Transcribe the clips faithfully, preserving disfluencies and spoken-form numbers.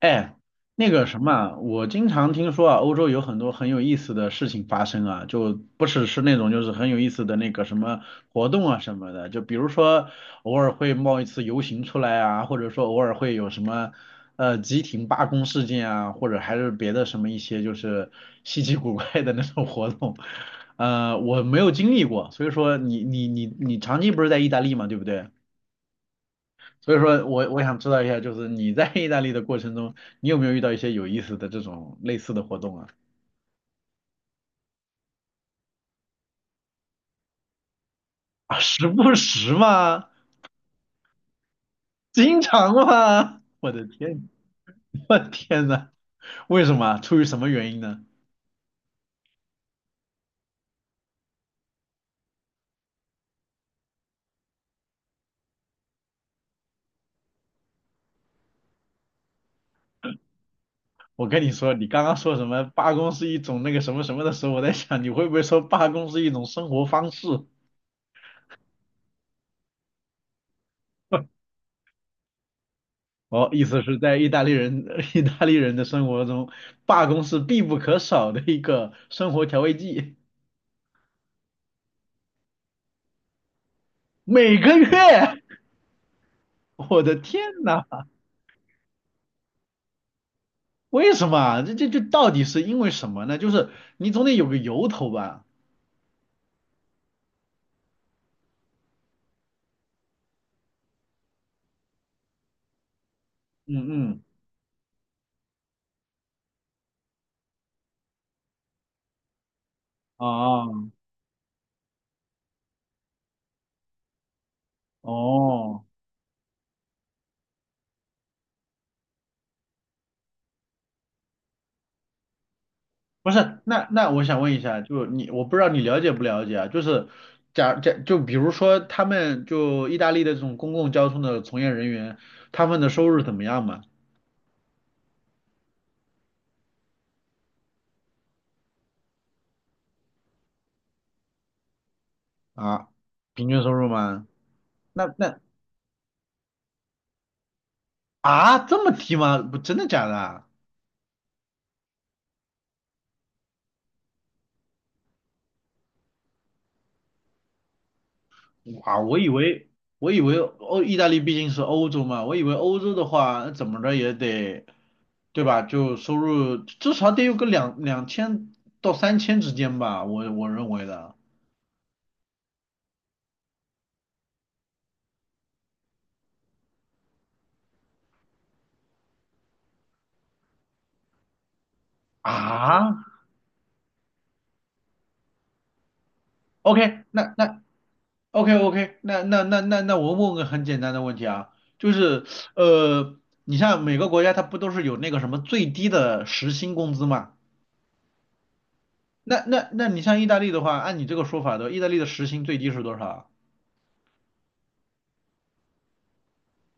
哎，那个什么啊我经常听说啊，欧洲有很多很有意思的事情发生啊，就不只是那种就是很有意思的那个什么活动啊什么的。就比如说偶尔会冒一次游行出来啊，或者说偶尔会有什么呃集体罢工事件啊，或者还是别的什么一些就是稀奇古怪的那种活动。呃，我没有经历过。所以说你你你你长期不是在意大利嘛，对不对？所以说我我想知道一下，就是你在意大利的过程中，你有没有遇到一些有意思的这种类似的活动啊？啊，时不时嘛。经常嘛，我的天。我的天呐。为什么啊？出于什么原因呢？我跟你说，你刚刚说什么罢工是一种那个什么什么的时候，我在想你会不会说罢工是一种生活方式？哦，意思是在意大利人 意大利人的生活中，罢工是必不可少的一个生活调味剂。每个月。我的天呐。为什么啊？这这这到底是因为什么呢？就是你总得有个由头吧？嗯嗯。哦哦。不是，那那我想问一下。就你，我不知道你了解不了解啊？就是假假，就比如说他们就意大利的这种公共交通的从业人员，他们的收入怎么样嘛？啊，平均收入吗？那那啊，这么低吗？不，真的假的啊？哇，我以为我以为欧意大利毕竟是欧洲嘛。我以为欧洲的话，那怎么着也得，对吧？就收入至少得有个两两千到三千之间吧，我我认为的啊。OK。那那 OK OK，那那那那那我问个很简单的问题啊，就是呃，你像每个国家它不都是有那个什么最低的时薪工资嘛？那那那你像意大利的话，按你这个说法的，意大利的时薪最低是多少啊？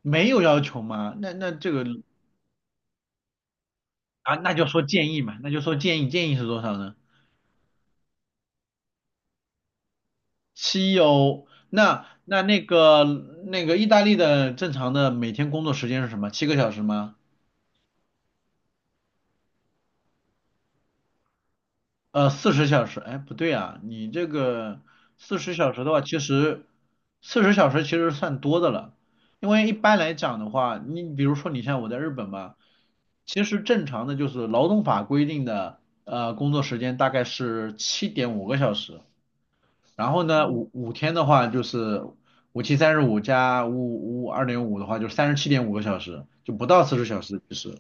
没有要求吗？那那这个啊，那就说建议嘛。那就说建议，建议是多少呢？七欧。那那那个那个意大利的正常的每天工作时间是什么？七个小时吗？呃，四十小时？哎，不对啊，你这个四十小时的话，其实四十小时其实算多的了。因为一般来讲的话，你比如说你像我在日本吧，其实正常的就是劳动法规定的呃工作时间大概是七点五个小时。然后呢，五五天的话就是五七三十五加五五五二点五的话，就是三十七点五个小时，就不到四十小时其实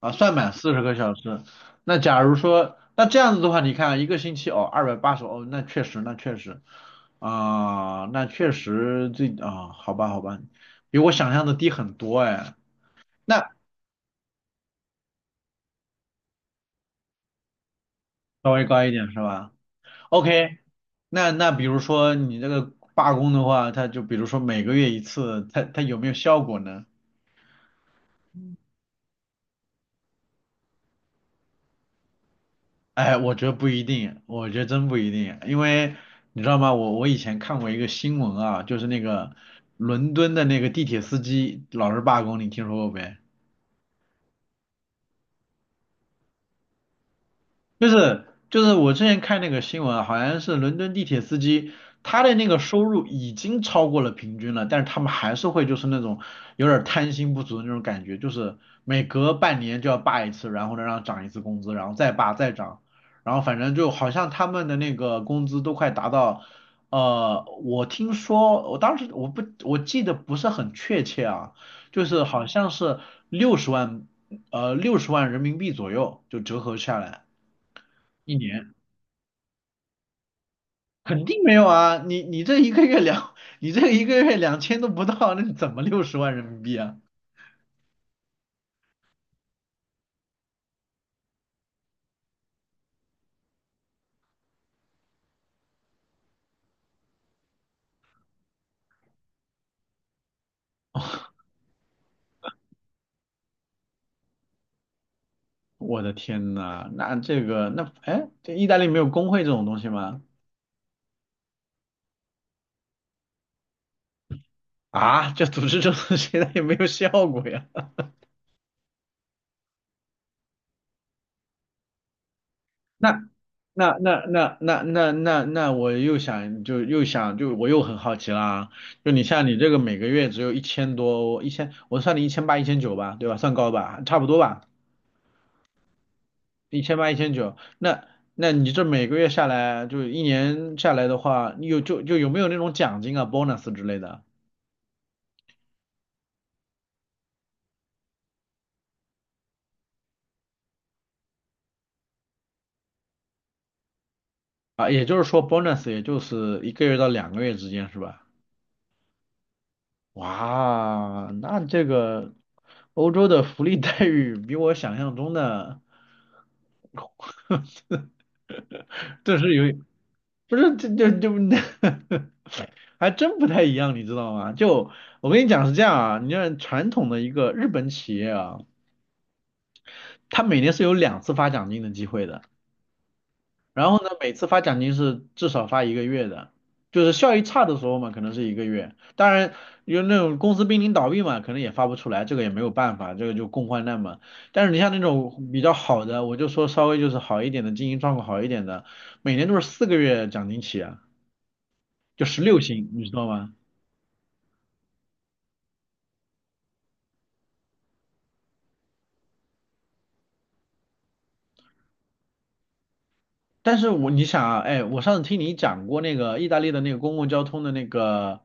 啊。算满四十个小时。那假如说，那这样子的话，你看啊一个星期哦，二百八十哦。那确实，那确实啊、那确实这啊、好吧，好吧，比我想象的低很多哎。那稍微高一点是吧？OK。那那比如说你这个罢工的话，它就比如说每个月一次，它它有没有效果呢？哎，我觉得不一定，我觉得真不一定。因为你知道吗？我我以前看过一个新闻啊，就是那个伦敦的那个地铁司机老是罢工，你听说过没？就是就是我之前看那个新闻啊，好像是伦敦地铁司机，他的那个收入已经超过了平均了，但是他们还是会就是那种有点儿贪心不足的那种感觉，就是每隔半年就要罢一次，然后呢让涨一次工资，然后再罢再涨。然后反正就好像他们的那个工资都快达到，呃，我听说我当时我不我记得不是很确切啊。就是好像是六十万呃六十万人民币左右就折合下来。一年肯定没有啊，你你这一个月两，你这一个月两千都不到，那是怎么六十万人民币啊？我的天呐。那这个那哎，这意大利没有工会这种东西吗？啊，这组织这种东西它也没有效果呀。那那那那那那那那我又想就又想就我又很好奇啦。就你像你这个每个月只有一千多。一千我算你一千八一千九吧，对吧？算高吧，差不多吧。一千八、一千九。那那你这每个月下来，就一年下来的话，你有就就有没有那种奖金啊、bonus 之类的啊？也就是说，bonus 也就是一个月到两个月之间，是吧？哇，那这个欧洲的福利待遇比我想象中的，这是有，不是这这这，还真不太一样，你知道吗？就我跟你讲是这样啊，你像传统的一个日本企业啊，它每年是有两次发奖金的机会的。然后呢，每次发奖金是至少发一个月的，就是效益差的时候嘛，可能是一个月。当然，有那种公司濒临倒闭嘛，可能也发不出来，这个也没有办法，这个就共患难嘛。但是你像那种比较好的，我就说稍微就是好一点的，经营状况好一点的，每年都是四个月奖金起啊，就十六薪，你知道吗？但是我你想啊，哎，我上次听你讲过那个意大利的那个公共交通的那个，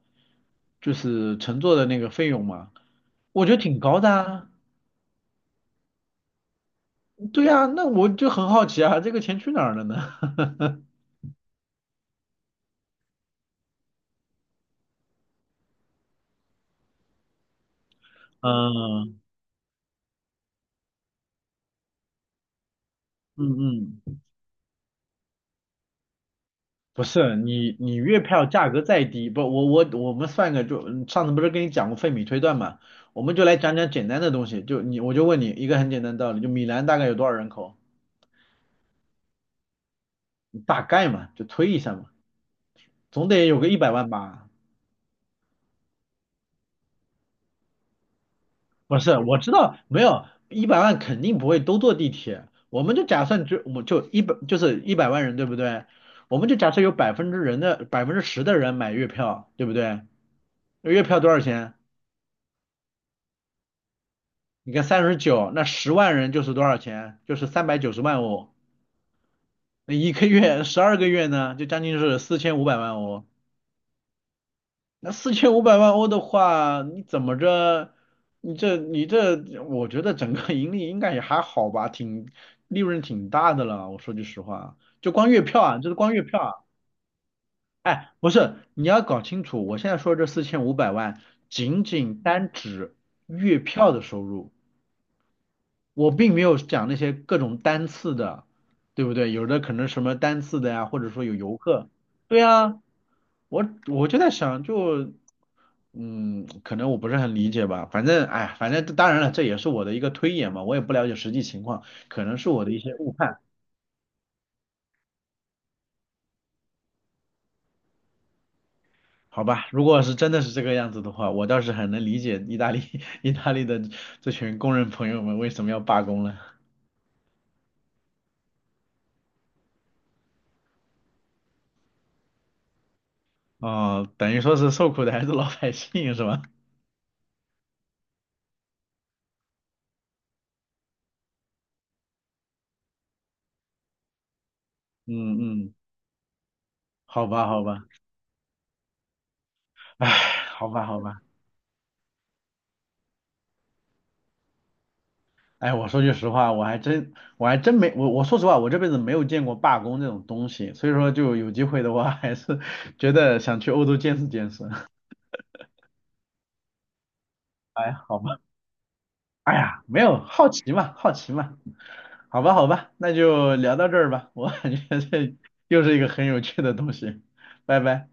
就是乘坐的那个费用嘛，我觉得挺高的啊。对呀，那我就很好奇啊，这个钱去哪儿了呢？嗯嗯嗯。不是你你月票价格再低，不我我我们算个就嗯上次不是跟你讲过费米推断嘛。我们就来讲讲简单的东西。就你我就问你一个很简单的道理，就米兰大概有多少人口？大概嘛，就推一下嘛，总得有个一百万吧。不是，我知道没有一百万肯定不会都坐地铁。我们就假设就我就一百就是一百万人对不对？我们就假设有百分之人的百分之十的人买月票对不对？那月票多少钱？你看三十九，那十万人就是多少钱？就是三百九十万哦。那一个月十二个月呢，就将近是四千五百万哦。那四千五百万欧的话，你怎么着？你这你这，我觉得整个盈利应该也还好吧。挺利润挺大的了。我说句实话，就光月票啊，就是光月票啊。哎，不是，你要搞清楚。我现在说这四千五百万，仅仅单指月票的收入。我并没有讲那些各种单次的，对不对？有的可能什么单次的呀，或者说有游客。对啊，我我就在想，就嗯，可能我不是很理解吧。反正哎，反正当然了，这也是我的一个推演嘛，我也不了解实际情况，可能是我的一些误判。好吧，如果是真的是这个样子的话，我倒是很能理解意大利 意大利的这群工人朋友们为什么要罢工了。哦，等于说是受苦的还是老百姓是吧？嗯嗯。好吧好吧。唉，好吧，好吧。哎，我说句实话，我还真，我还真没，我我说实话，我这辈子没有见过罢工这种东西。所以说就有机会的话，还是 觉得想去欧洲见识见识。哎，好吧。哎呀，没有，好奇嘛，好奇嘛。好吧，好吧，那就聊到这儿吧，我感觉这 又是一个很有趣的东西。拜拜。